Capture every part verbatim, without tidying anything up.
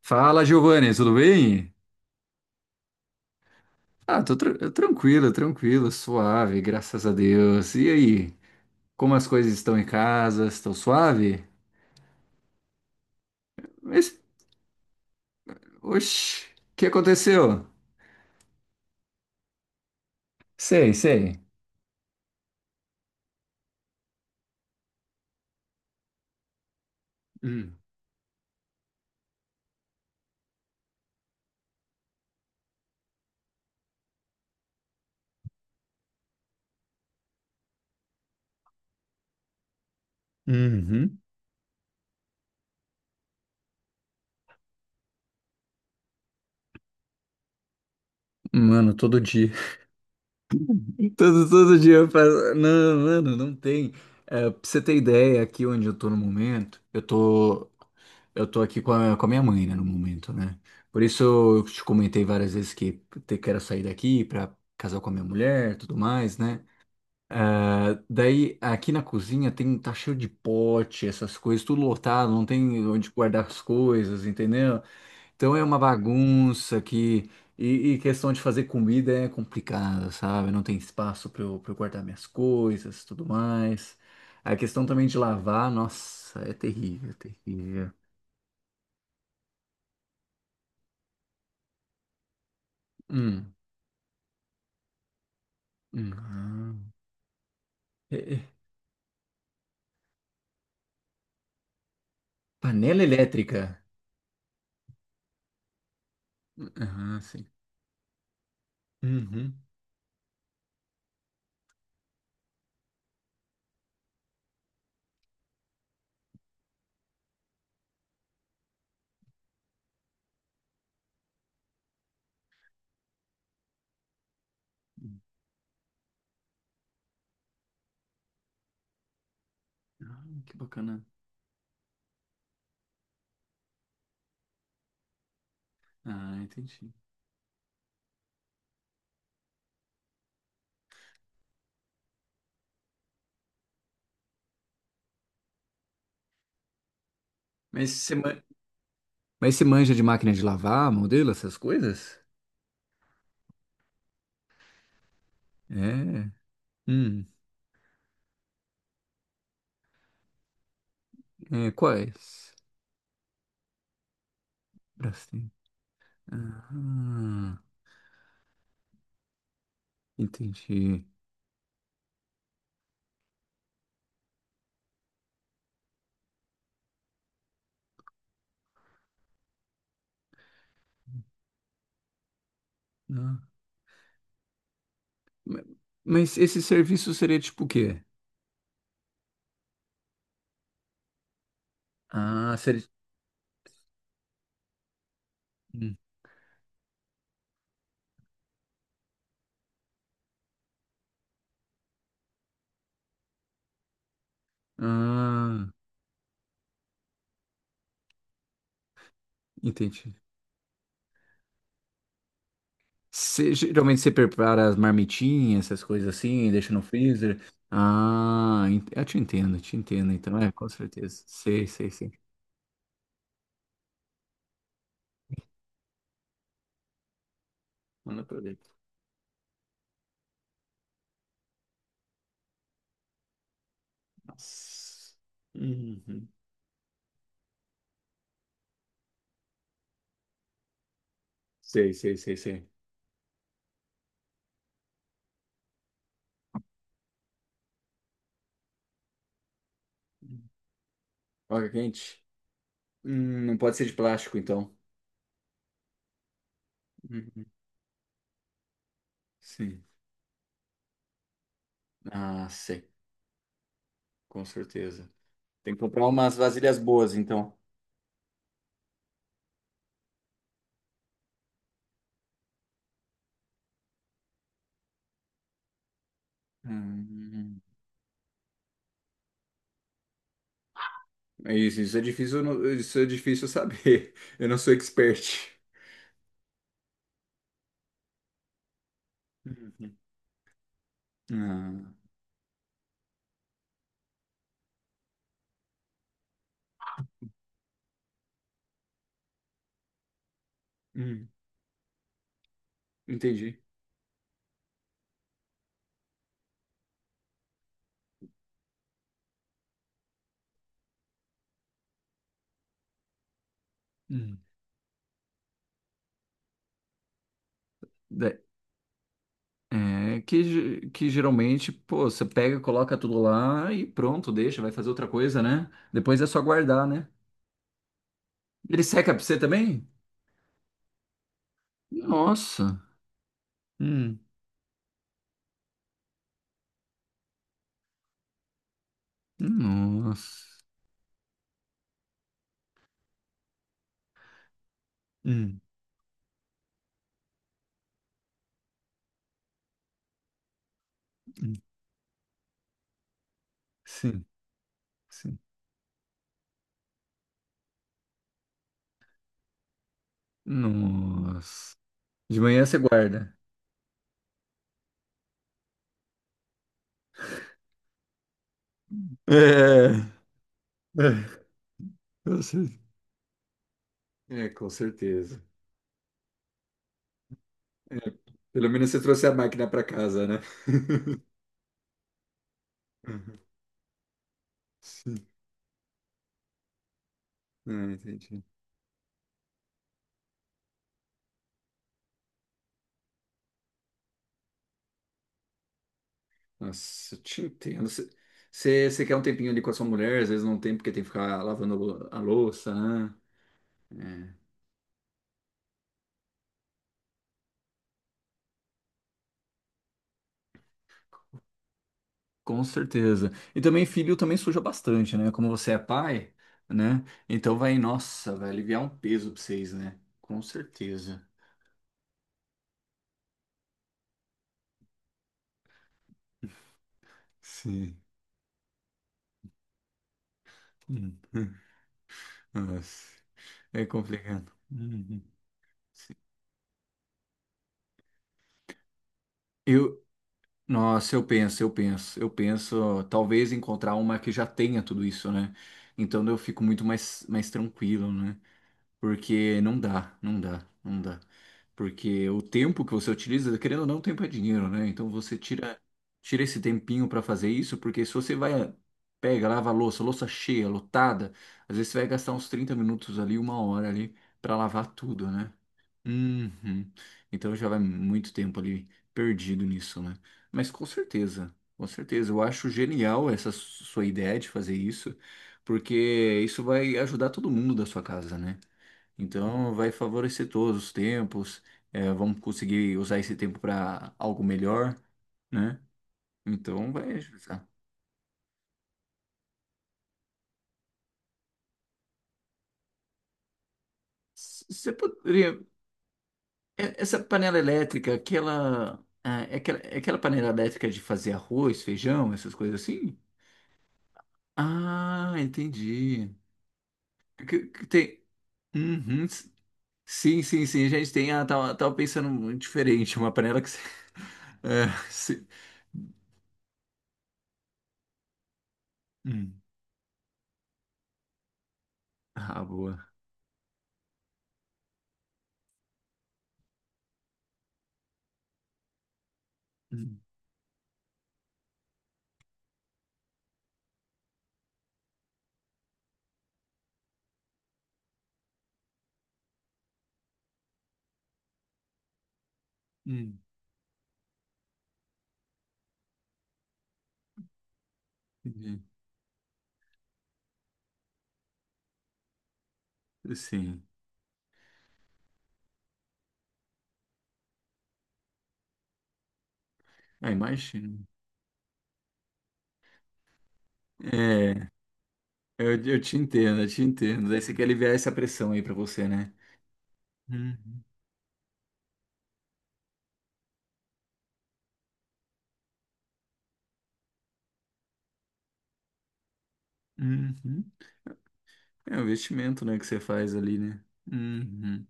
Fala, Giovanni, tudo bem? Ah, tô tra- tranquilo, tranquilo, suave, graças a Deus. E aí, como as coisas estão em casa? Estão suave? Mas, oxi, o que aconteceu? Sei, sei. Hum. Uhum. Mano, todo dia. Todo, todo dia eu faço. Não, mano, não tem. É, pra você ter ideia, aqui onde eu tô no momento, eu tô. Eu tô aqui com a, com a minha mãe, né, no momento, né? Por isso eu te comentei várias vezes que te- quero sair daqui pra casar com a minha mulher, tudo mais, né? Ah, daí aqui na cozinha tem tá cheio de pote, essas coisas, tudo lotado, não tem onde guardar as coisas, entendeu? Então é uma bagunça que e, e questão de fazer comida é complicada, sabe? Não tem espaço pra eu, pra eu guardar minhas coisas, tudo mais. A questão também de lavar, nossa, é terrível, é terrível. Hum. Uhum. É- é- Panela elétrica. Aham, sim. Uhum. Ah, que bacana. Ah, entendi. Mas você, ma- Mas você manja de máquina de lavar, modelo, essas coisas? É. Hum. É, quais? Brastemp. Ah, entendi. Ah, ma- Mas esse serviço seria tipo o quê? Ah, seria. Hum. Ah, entendi. Você- geralmente você prepara as marmitinhas, essas coisas assim, deixa no freezer. Ah, en- eu te entendo, te entendo. Então, é, com certeza. Sei, sei, sei. Manda pra dentro. Nossa. Uhum. Sei, sei, sei, sei. Olha, quente. Hum, não pode ser de plástico, então. Uhum. Sim. Ah, sei. Com certeza. Tem que comprar umas vasilhas boas, então. Hum. É Isso, isso é difícil, eu não- isso é difícil eu saber. Eu não sou expert. Uhum. Ah. Hum, entendi. Hum. Da- É, que, ge- que geralmente, pô, você pega, coloca tudo lá e pronto, deixa, vai fazer outra coisa, né? Depois é só guardar, né? Ele seca pra você também? Nossa. Hum. Nossa. Hum. Hum. Sim, sim. Nossa. De manhã você guarda. É. É, eu sei. É, com certeza. Pelo menos você trouxe a máquina para casa, né? Sim. Ah, entendi. Nossa, eu te entendo. Você você- você quer um tempinho ali com a sua mulher, às vezes não tem porque tem que ficar lavando lou- a louça, né? É, com certeza. E também filho também suja bastante, né? Como você é pai, né? Então vai, nossa, vai aliviar um peso pra vocês, né? Com certeza. Sim. Hum. Nossa, é complicado. Uhum. Sim. Eu, nossa, eu penso, eu penso, eu penso, talvez encontrar uma que já tenha tudo isso, né? Então eu fico muito mais, mais tranquilo, né? Porque não dá, não dá, não dá. Porque o tempo que você utiliza, querendo ou não, tempo é dinheiro, né? Então você tira, tira esse tempinho para fazer isso, porque se você vai, pega, lava a louça, louça cheia, lotada, às vezes você vai gastar uns trinta minutos ali, uma hora ali, para lavar tudo, né? Uhum. Então já vai muito tempo ali perdido nisso, né? Mas com certeza, com certeza. Eu acho genial essa sua ideia de fazer isso, porque isso vai ajudar todo mundo da sua casa, né? Então, vai favorecer todos os tempos, eh, vamos conseguir usar esse tempo para algo melhor, né? Então, vai ajudar. S- Você poderia. e- Essa panela elétrica, aquela. Ah, É aquela, é aquela panela elétrica de fazer arroz, feijão, essas coisas assim? Ah, entendi. Que, que tem. Uhum. s- Sim, sim, sim. A gente tem. Ah, tava, tava pensando muito diferente. Uma panela que. você- É, se- Hum. Ah, boa. Hum, hum, entendi. Sim. Ah, imagino. É, eu, eu te entendo, eu te entendo. Daí você quer aliviar essa pressão aí pra você, né? Uhum. Uhum. É o investimento, né, que você faz ali, né? Uhum.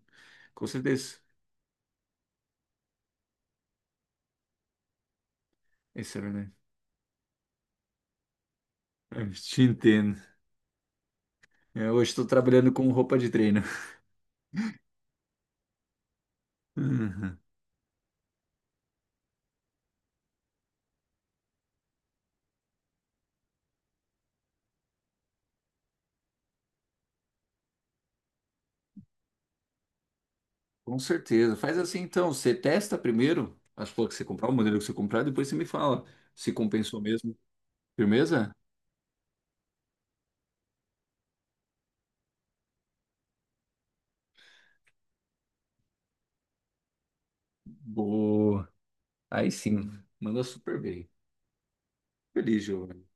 Com certeza. Isso é verdade. É, eu te entendo. Eu hoje estou trabalhando com roupa de treino. Uhum. Com certeza. Faz assim então, você testa primeiro as flores que você comprar, o modelo que você comprar, depois você me fala se compensou mesmo. Firmeza? Boa. Aí sim, manda super bem. Feliz, Giovanni.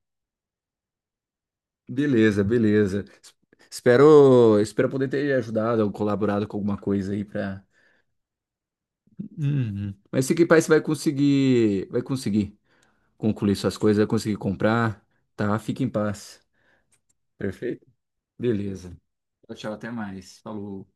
Beleza, beleza. Es- Espero, espero poder ter ajudado ou colaborado com alguma coisa aí para. Uhum. Mas fique em paz, você vai conseguir, vai conseguir concluir suas coisas, vai conseguir comprar, tá? Fique em paz. Perfeito? Beleza. Tchau, tchau, até mais. Falou.